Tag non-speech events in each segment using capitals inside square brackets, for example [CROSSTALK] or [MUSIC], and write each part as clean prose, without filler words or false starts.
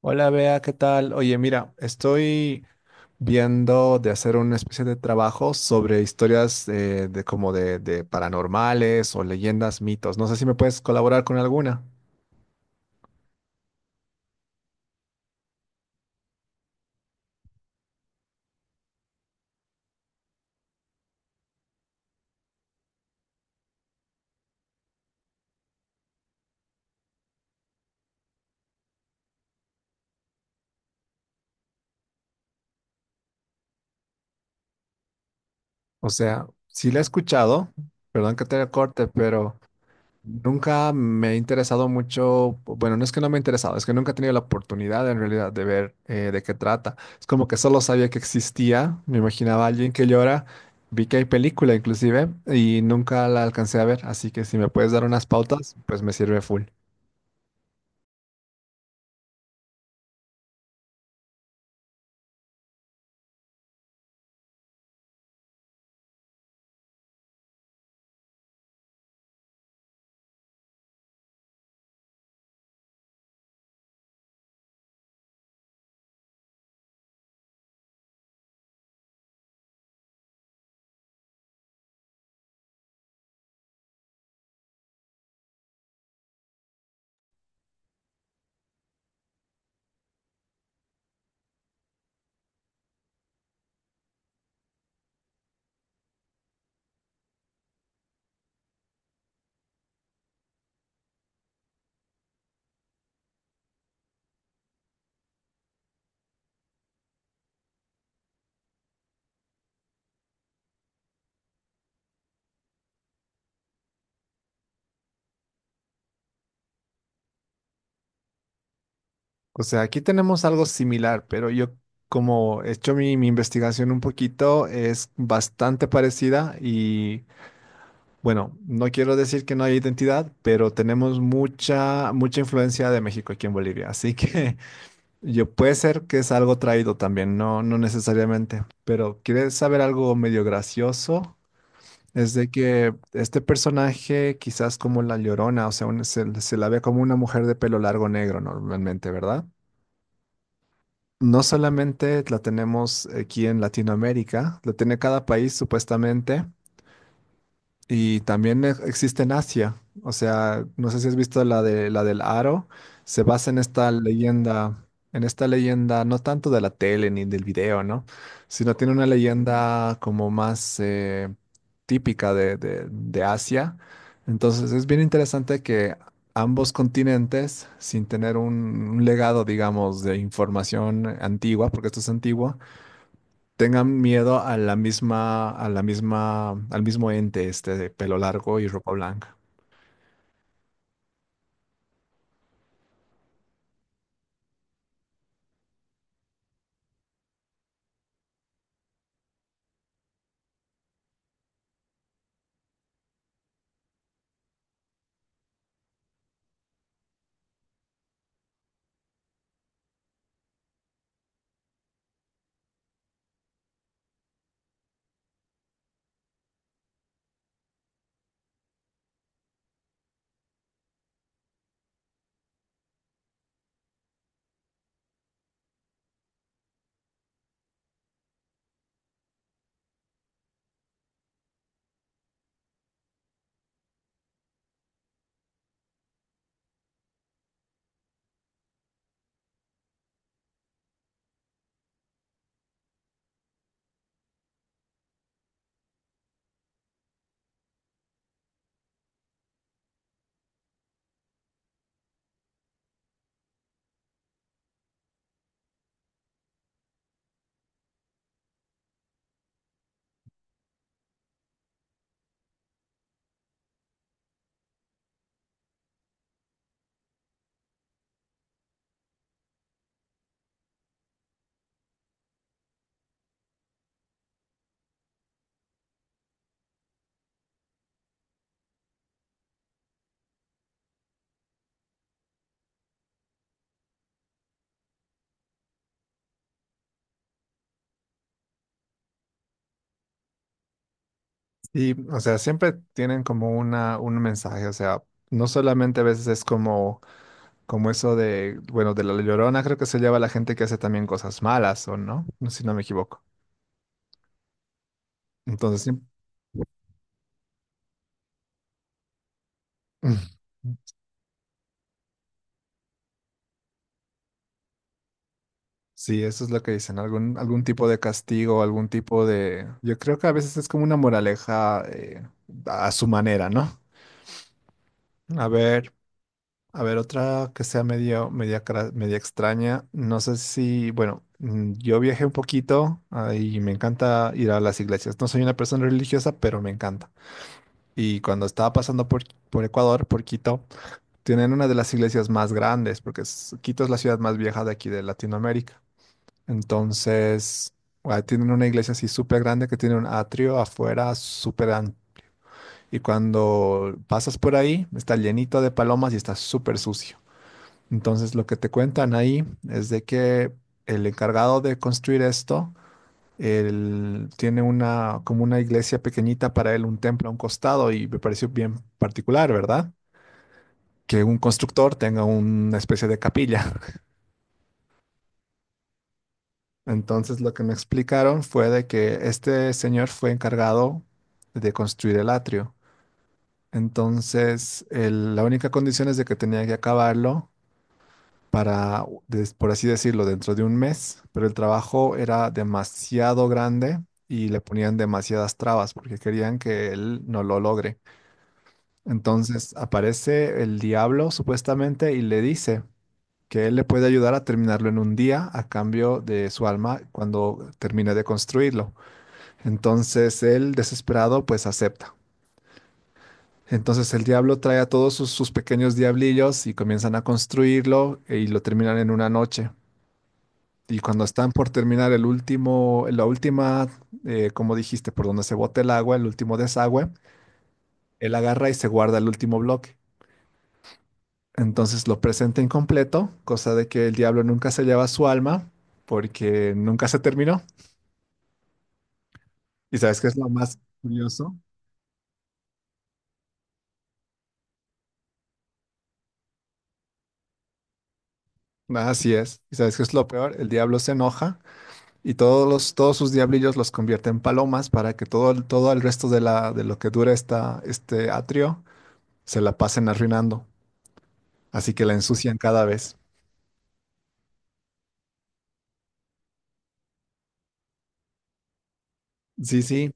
Hola, Bea, ¿qué tal? Oye, mira, estoy viendo de hacer una especie de trabajo sobre historias de paranormales o leyendas, mitos. No sé si me puedes colaborar con alguna. O sea, sí la he escuchado, perdón que te corte, pero nunca me ha interesado mucho. Bueno, no es que no me ha interesado, es que nunca he tenido la oportunidad en realidad de ver de qué trata. Es como que solo sabía que existía, me imaginaba a alguien que llora, vi que hay película inclusive y nunca la alcancé a ver, así que si me puedes dar unas pautas, pues me sirve full. O sea, aquí tenemos algo similar, pero yo como he hecho mi investigación un poquito, es bastante parecida. Y bueno, no quiero decir que no hay identidad, pero tenemos mucha, mucha influencia de México aquí en Bolivia. Así que [LAUGHS] yo puede ser que es algo traído también, no, no necesariamente. Pero ¿quieres saber algo medio gracioso? Es de que este personaje, quizás como la Llorona, o sea, se la ve como una mujer de pelo largo negro normalmente, ¿verdad? No solamente la tenemos aquí en Latinoamérica, la tiene cada país supuestamente. Y también existe en Asia. O sea, no sé si has visto la de la del aro. Se basa en esta leyenda, no tanto de la tele ni del video, ¿no? Sino tiene una leyenda como más típica de Asia. Entonces es bien interesante que ambos continentes, sin tener un legado, digamos, de información antigua, porque esto es antiguo, tengan miedo a a la misma, al mismo ente este de pelo largo y ropa blanca. Y, o sea, siempre tienen como un mensaje. O sea, no solamente a veces es como eso de, bueno, de la Llorona creo que se lleva a la gente que hace también cosas malas, ¿o no? No sé si no me equivoco. Entonces, sí, [CLEARS THROAT] sí, eso es lo que dicen, algún tipo de castigo, algún tipo de, yo creo que a veces es como una moraleja a su manera, ¿no? A ver. A ver, otra que sea media extraña. No sé si, bueno, mm, yo viajé un poquito ah, y me encanta ir a las iglesias. No soy una persona religiosa, pero me encanta. Y cuando estaba pasando por Ecuador, por Quito, tienen una de las iglesias más grandes, porque Quito es la ciudad más vieja de aquí de Latinoamérica. Entonces, ah, tienen una iglesia así súper grande que tiene un atrio afuera súper amplio. Y cuando pasas por ahí, está llenito de palomas y está súper sucio. Entonces lo que te cuentan ahí es de que el encargado de construir esto, él tiene una como una iglesia pequeñita para él, un templo a un costado y me pareció bien particular, ¿verdad? Que un constructor tenga una especie de capilla. [LAUGHS] Entonces lo que me explicaron fue de que este señor fue encargado de construir el atrio. Entonces la única condición es de que tenía que acabarlo para, por así decirlo, dentro de un mes, pero el trabajo era demasiado grande y le ponían demasiadas trabas porque querían que él no lo logre. Entonces aparece el diablo supuestamente y le dice que él le puede ayudar a terminarlo en un día a cambio de su alma cuando termine de construirlo. Entonces él, desesperado, pues acepta. Entonces el diablo trae a todos sus pequeños diablillos y comienzan a construirlo y lo terminan en una noche. Y cuando están por terminar la última, como dijiste, por donde se bota el agua, el último desagüe, él agarra y se guarda el último bloque. Entonces lo presenta incompleto, cosa de que el diablo nunca se lleva su alma porque nunca se terminó. ¿Y sabes qué es lo más curioso? Así es. ¿Y sabes qué es lo peor? El diablo se enoja y todos sus diablillos los convierte en palomas para que todo el resto de de lo que dura este atrio se la pasen arruinando. Así que la ensucian cada vez. Sí, sí,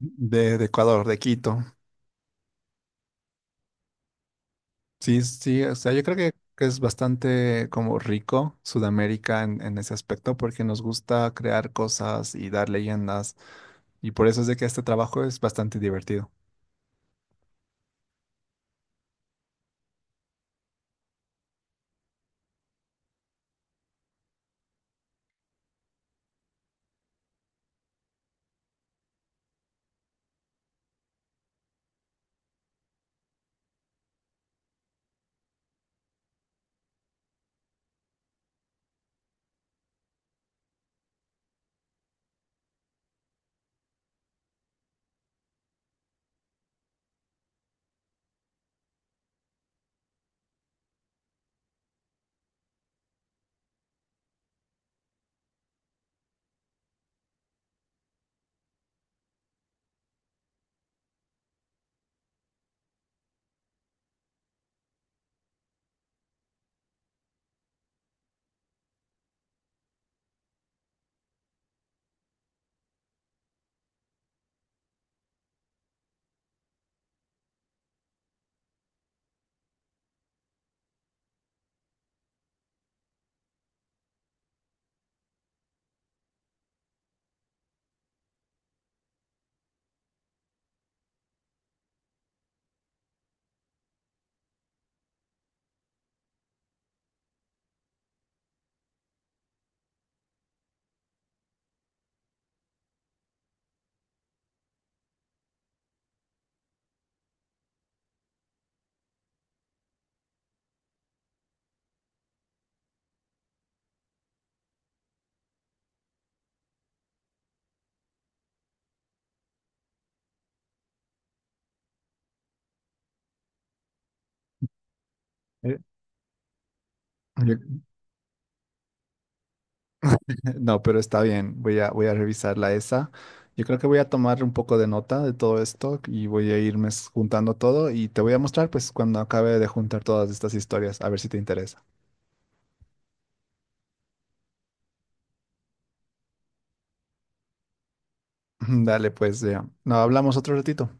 de Ecuador, de Quito. Sí, sí, o sea, yo creo que es bastante como rico Sudamérica en ese aspecto porque nos gusta crear cosas y dar leyendas y por eso es de que este trabajo es bastante divertido. Eh, Yo, no, pero está bien. Voy a, voy a revisarla esa. Yo creo que voy a tomar un poco de nota de todo esto y voy a irme juntando todo y te voy a mostrar pues cuando acabe de juntar todas estas historias, a ver si te interesa. [LAUGHS] Dale, pues ya. No, hablamos otro ratito.